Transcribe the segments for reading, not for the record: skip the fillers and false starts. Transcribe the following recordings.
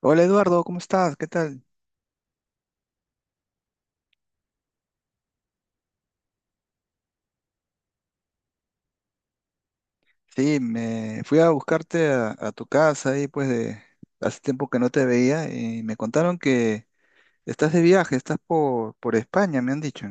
Hola Eduardo, ¿cómo estás? ¿Qué tal? Sí, me fui a buscarte a tu casa ahí pues de hace tiempo que no te veía y me contaron que estás de viaje, estás por España, me han dicho.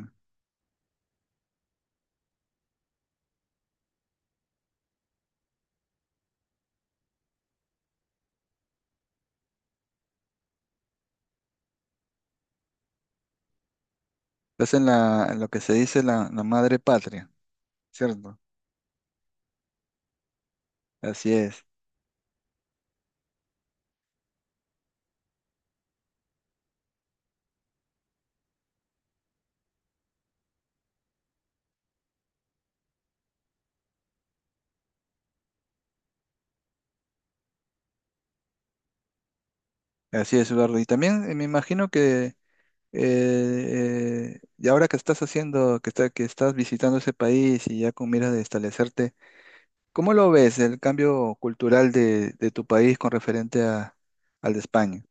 Estás en la, en lo que se dice la madre patria, ¿cierto? Así es, así es Eduardo. Y también me imagino que y ahora que estás haciendo, que, está, que estás visitando ese país y ya con miras de establecerte. ¿Cómo lo ves el cambio cultural de tu país con referente al de España?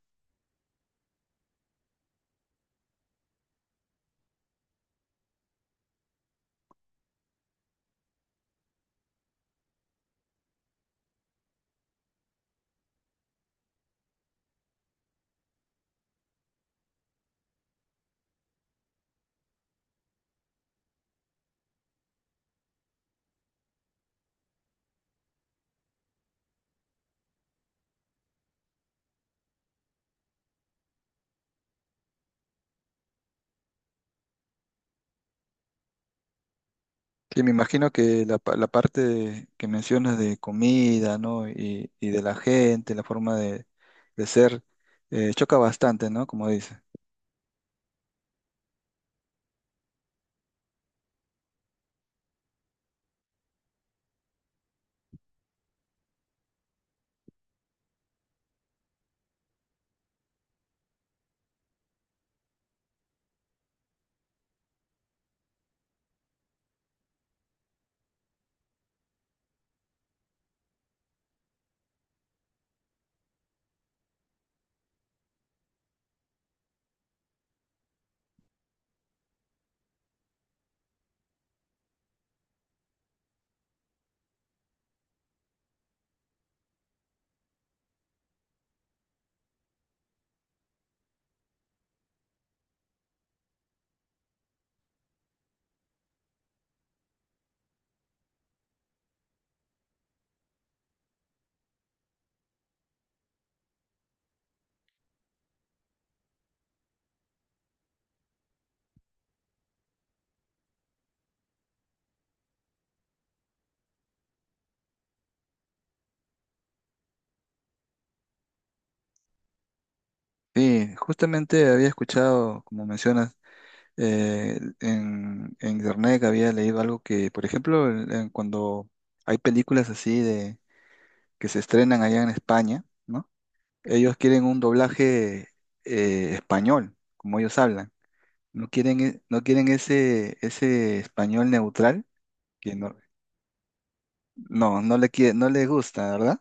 Que me imagino que la parte que mencionas de comida, ¿no? Y de la gente, la forma de ser, choca bastante, ¿no? Como dices. Sí, justamente había escuchado, como mencionas, en internet que había leído algo que, por ejemplo, en cuando hay películas así de que se estrenan allá en España, ¿no? Ellos quieren un doblaje español, como ellos hablan. No quieren, no quieren ese, ese español neutral que no, no, no le quiere, no les gusta, ¿verdad?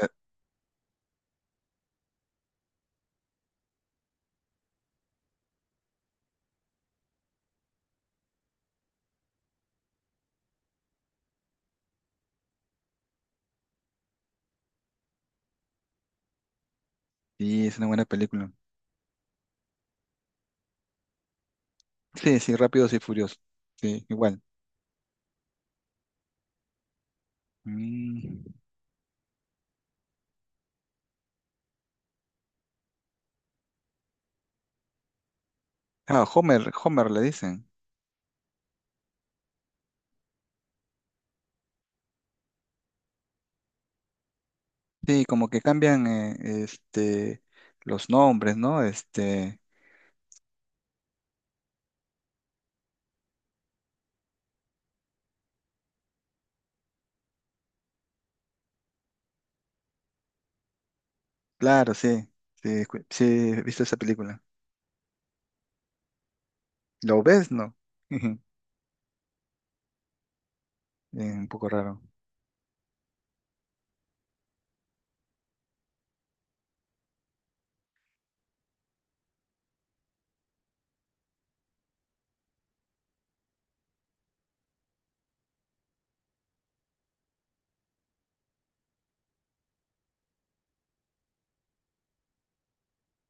Eh, Sí, es una buena película. Sí, sí, Rápidos y Furiosos. Sí, igual. Mm. Ah, Homer, Homer le dicen. Sí, como que cambian este, los nombres, ¿no? Claro, sí, sí, sí, he visto esa película. ¿Lo ves? No. Un poco raro.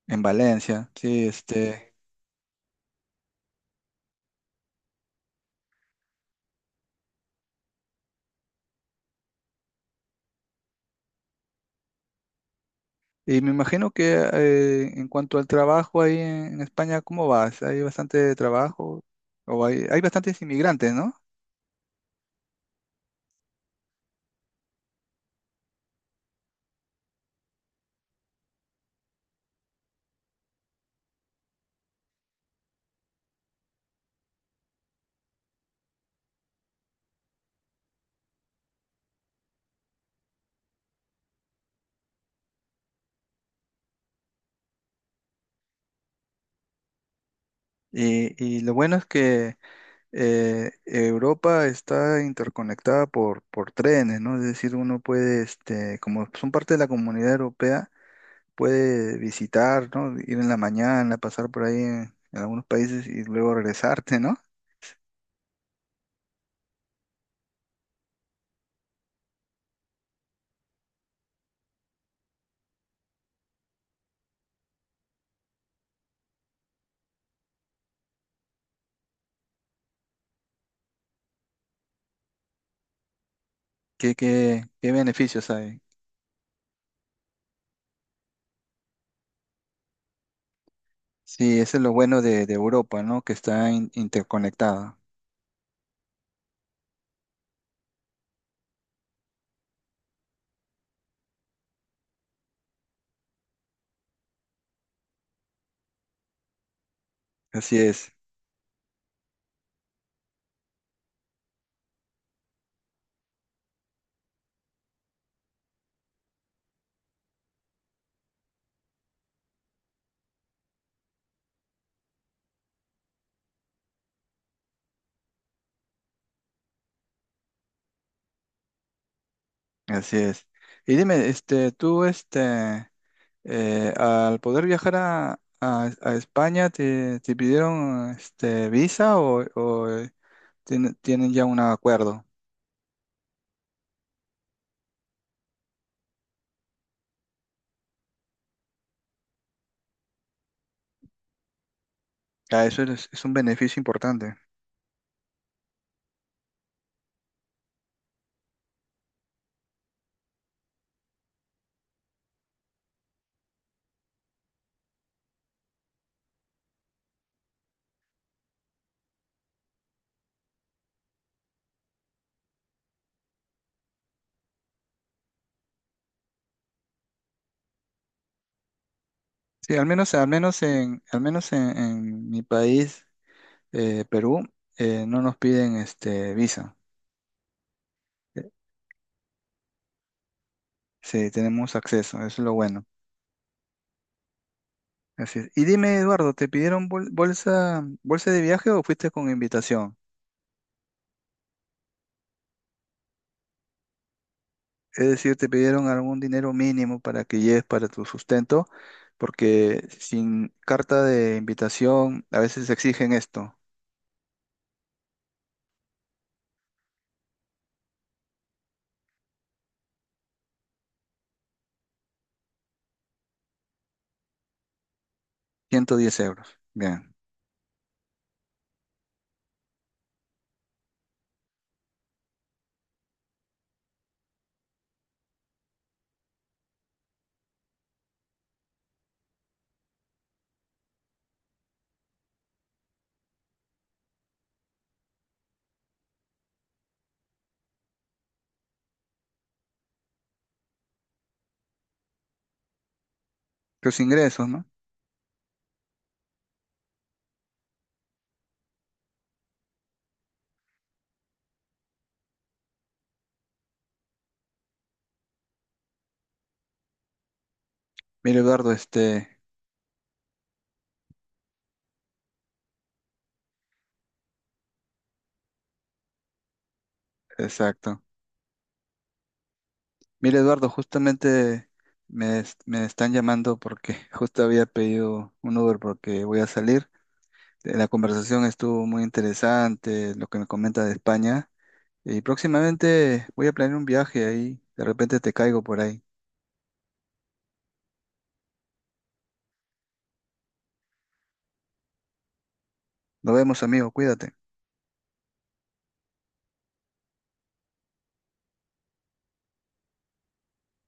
En Valencia, sí, este. Y me imagino que en cuanto al trabajo ahí en España, ¿cómo vas? ¿Hay bastante trabajo? O hay bastantes inmigrantes, ¿no? Y lo bueno es que Europa está interconectada por trenes, ¿no? Es decir, uno puede, este, como son parte de la comunidad europea, puede visitar, ¿no? Ir en la mañana, pasar por ahí en algunos países y luego regresarte, ¿no? ¿Qué, qué, qué beneficios hay? Sí, eso es lo bueno de Europa, ¿no? Que está interconectada. Así es, así es. Y dime, este, tú, este, al poder viajar a España, ¿te, te pidieron, este, visa o, tienen ya un acuerdo? Ah, eso es un beneficio importante. Sí, al menos en, al menos en mi país, Perú, no nos piden, este, visa. Eh, Sí, tenemos acceso, eso es lo bueno. Así es. Y dime, Eduardo, ¿te pidieron bolsa, bolsa de viaje o fuiste con invitación? Es decir, ¿te pidieron algún dinero mínimo para que lleves para tu sustento? Porque sin carta de invitación a veces exigen esto, 110 euros. Bien, tus ingresos, ¿no? Mira, Eduardo, este, exacto. Mira, Eduardo, justamente me están llamando porque justo había pedido un Uber porque voy a salir. La conversación estuvo muy interesante, lo que me comenta de España. Y próximamente voy a planear un viaje ahí. De repente te caigo por ahí. Nos vemos, amigo. Cuídate.